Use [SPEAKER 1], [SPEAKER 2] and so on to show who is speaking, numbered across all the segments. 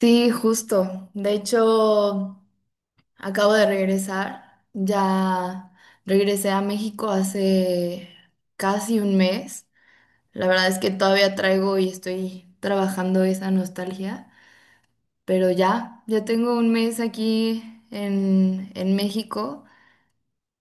[SPEAKER 1] Sí, justo. De hecho, acabo de regresar. Ya regresé a México hace casi un mes. La verdad es que todavía traigo y estoy trabajando esa nostalgia. Pero ya, ya tengo un mes aquí en México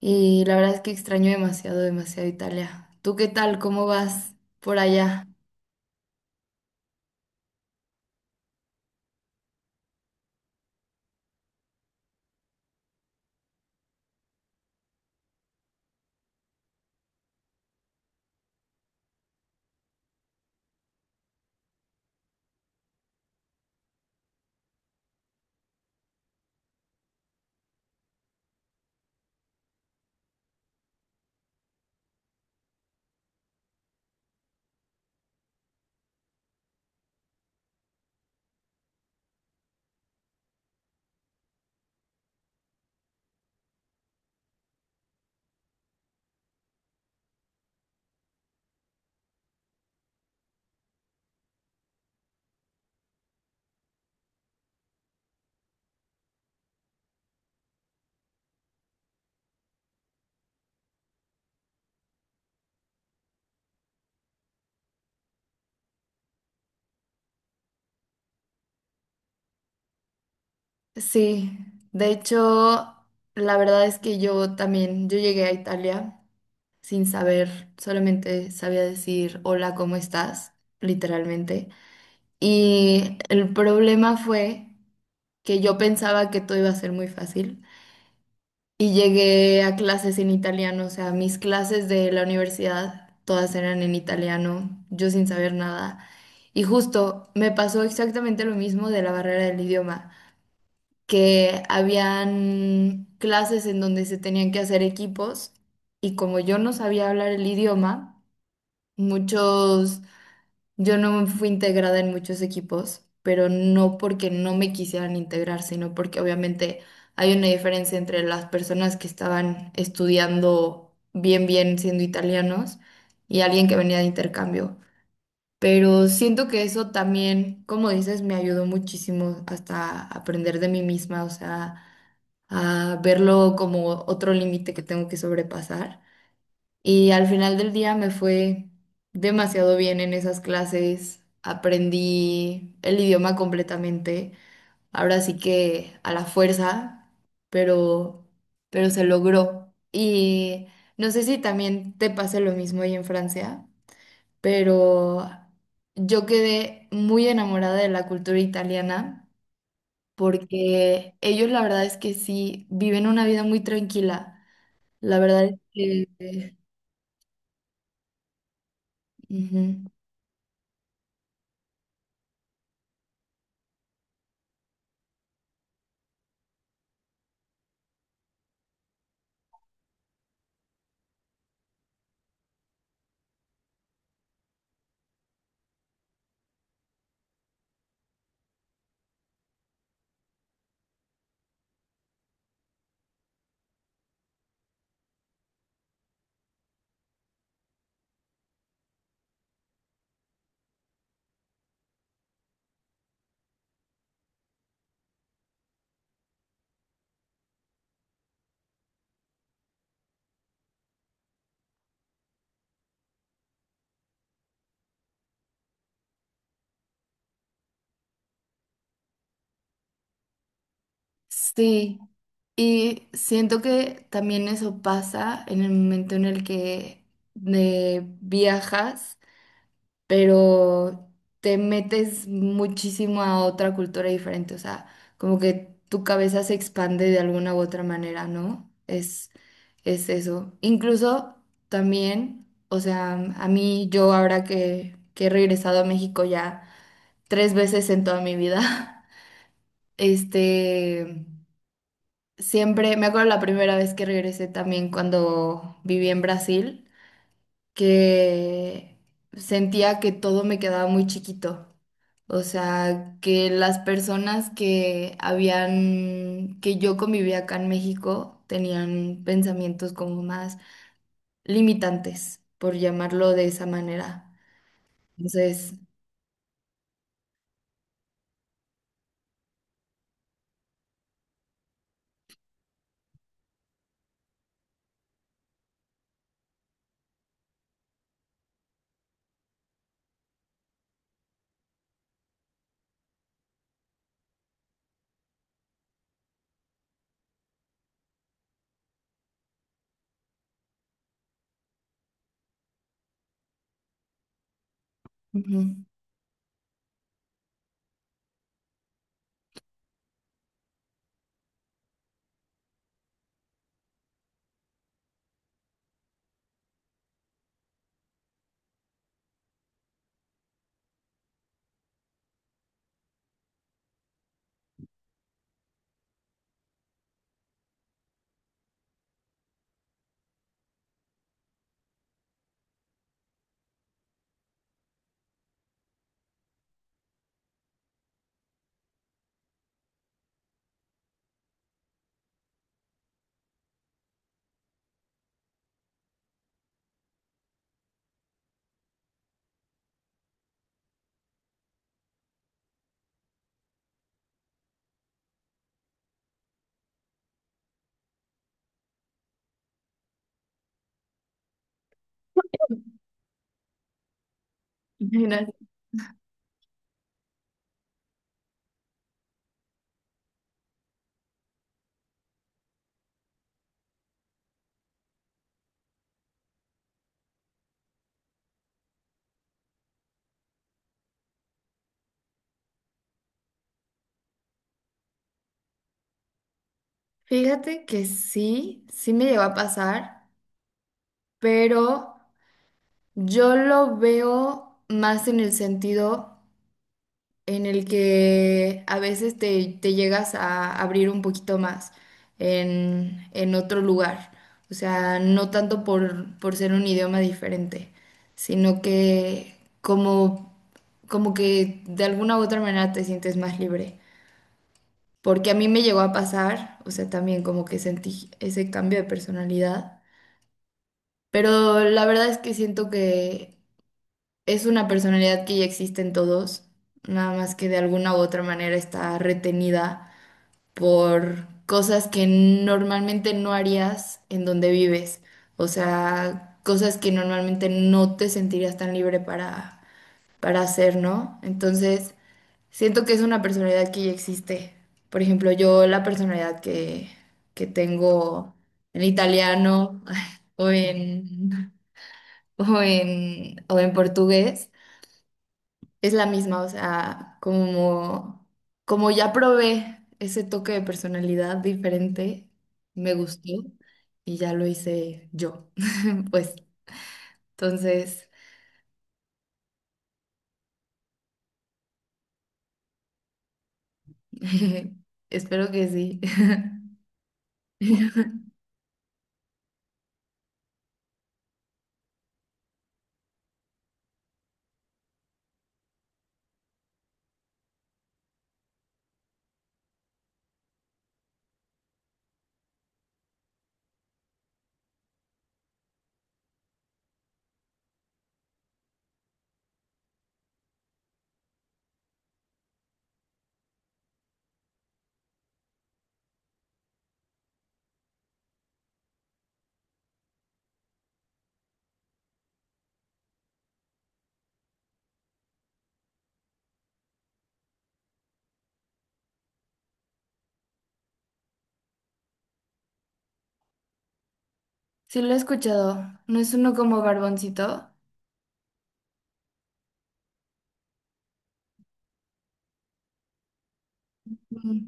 [SPEAKER 1] y la verdad es que extraño demasiado, demasiado Italia. ¿Tú qué tal? ¿Cómo vas por allá? Sí, de hecho, la verdad es que yo también, yo llegué a Italia, sin saber, solamente sabía decir hola, ¿cómo estás?, literalmente. Y el problema fue que yo pensaba que todo iba a ser muy fácil y llegué a clases en italiano, o sea, mis clases de la universidad todas eran en italiano, yo sin saber nada. Y justo me pasó exactamente lo mismo de la barrera del idioma, que habían clases en donde se tenían que hacer equipos y como yo no sabía hablar el idioma, Muchos, yo no fui integrada en muchos equipos, pero no porque no me quisieran integrar, sino porque obviamente hay una diferencia entre las personas que estaban estudiando bien, bien siendo italianos y alguien que venía de intercambio. Pero siento que eso también, como dices, me ayudó muchísimo hasta aprender de mí misma, o sea, a verlo como otro límite que tengo que sobrepasar. Y al final del día me fue demasiado bien en esas clases. Aprendí el idioma completamente. Ahora sí que a la fuerza, pero, pero se logró. Y no sé si también te pase lo mismo ahí en Francia, pero yo quedé muy enamorada de la cultura italiana porque ellos la verdad es que sí viven una vida muy tranquila. La verdad es que, ujú. Sí, y siento que también eso pasa en el momento en el que viajas, pero te metes muchísimo a otra cultura diferente, o sea, como que tu cabeza se expande de alguna u otra manera, ¿no? Es eso. Incluso también, o sea, a mí yo ahora que he regresado a México ya tres veces en toda mi vida, este... Siempre, me acuerdo la primera vez que regresé también cuando viví en Brasil, que sentía que todo me quedaba muy chiquito. O sea, que las personas que habían, que yo convivía acá en México, tenían pensamientos como más limitantes, por llamarlo de esa manera. Entonces, ujú. Mira, fíjate que sí, sí me llegó a pasar, pero, yo lo veo más en el sentido en el que a veces te llegas a abrir un poquito más en otro lugar. O sea, no tanto por ser un idioma diferente, sino que como, como que de alguna u otra manera te sientes más libre. Porque a mí me llegó a pasar, o sea, también como que sentí ese cambio de personalidad. Pero la verdad es que siento que es una personalidad que ya existe en todos, nada más que de alguna u otra manera está retenida por cosas que normalmente no harías en donde vives, o sea, cosas que normalmente no te sentirías tan libre para hacer, ¿no? Entonces, siento que es una personalidad que ya existe. Por ejemplo, yo la personalidad que tengo en italiano o en, o en portugués es la misma, o sea, como ya probé ese toque de personalidad diferente, me gustó y ya lo hice yo. Pues entonces, espero que sí. Sí, lo he escuchado, ¿no es uno como Barboncito? Mm.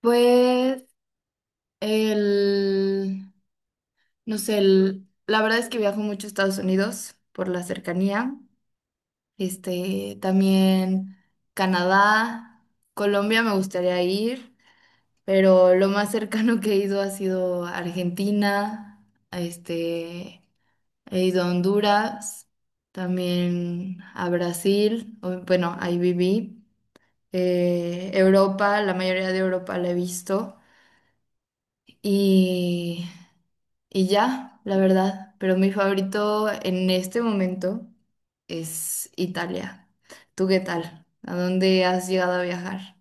[SPEAKER 1] Pues el, no sé, la verdad es que viajo mucho a Estados Unidos por la cercanía. También Canadá, Colombia me gustaría ir, pero lo más cercano que he ido ha sido Argentina, este, he ido a Honduras, también a Brasil, bueno, ahí viví, Europa, la mayoría de Europa la he visto y y ya, la verdad, pero mi favorito en este momento es Italia. ¿Tú qué tal? ¿A dónde has llegado a viajar?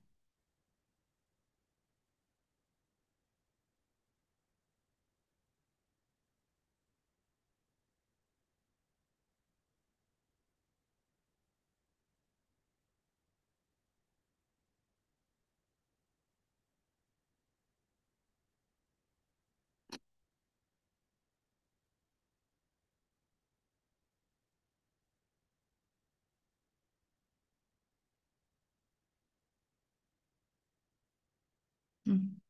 [SPEAKER 1] Mm.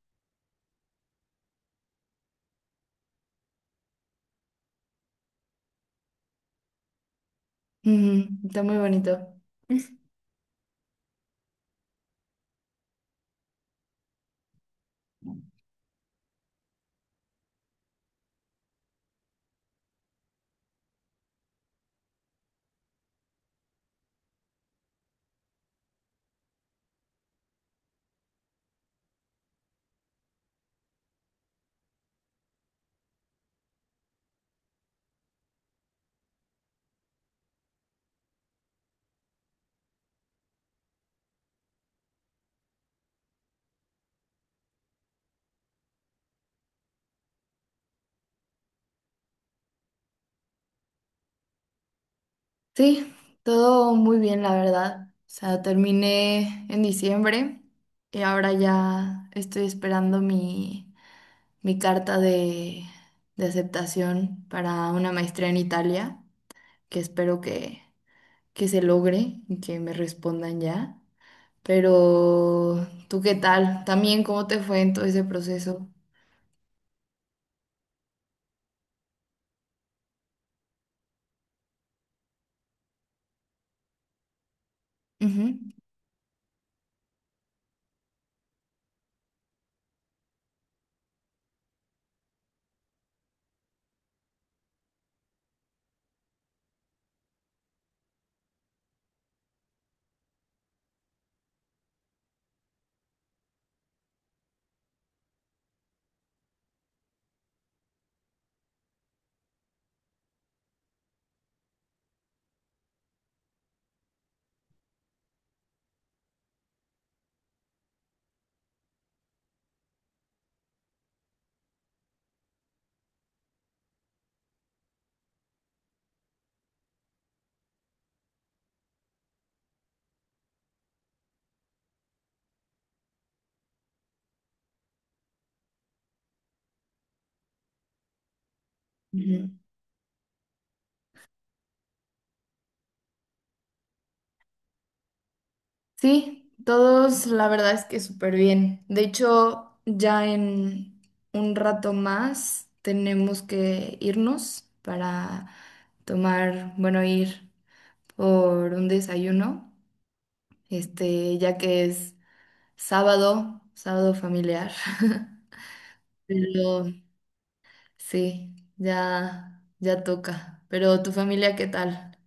[SPEAKER 1] Ujú, está muy bonito. Sí, todo muy bien, la verdad. O sea, terminé en diciembre y ahora ya estoy esperando mi carta de aceptación para una maestría en Italia, que espero que se logre y que me respondan ya. Pero, ¿tú qué tal? También, ¿cómo te fue en todo ese proceso? Ujú, ujú. Sí, todos la verdad es que súper bien. De hecho, ya en un rato más tenemos que irnos para tomar, bueno, ir por un desayuno, ya que es sábado, sábado familiar. Pero sí, ya, ya toca. Pero tu familia, ¿qué tal?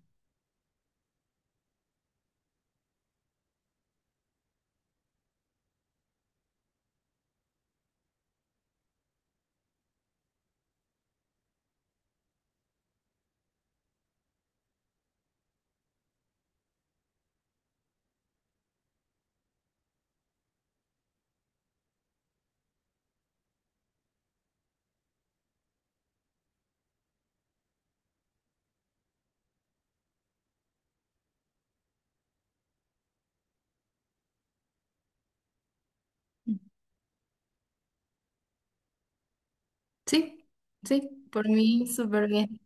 [SPEAKER 1] Sí, sí, por mí súper bien.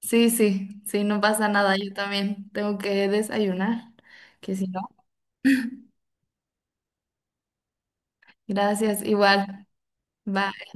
[SPEAKER 1] Sí, sí, sí, no pasa nada, yo también tengo que desayunar, que si no. Gracias, igual. Bye.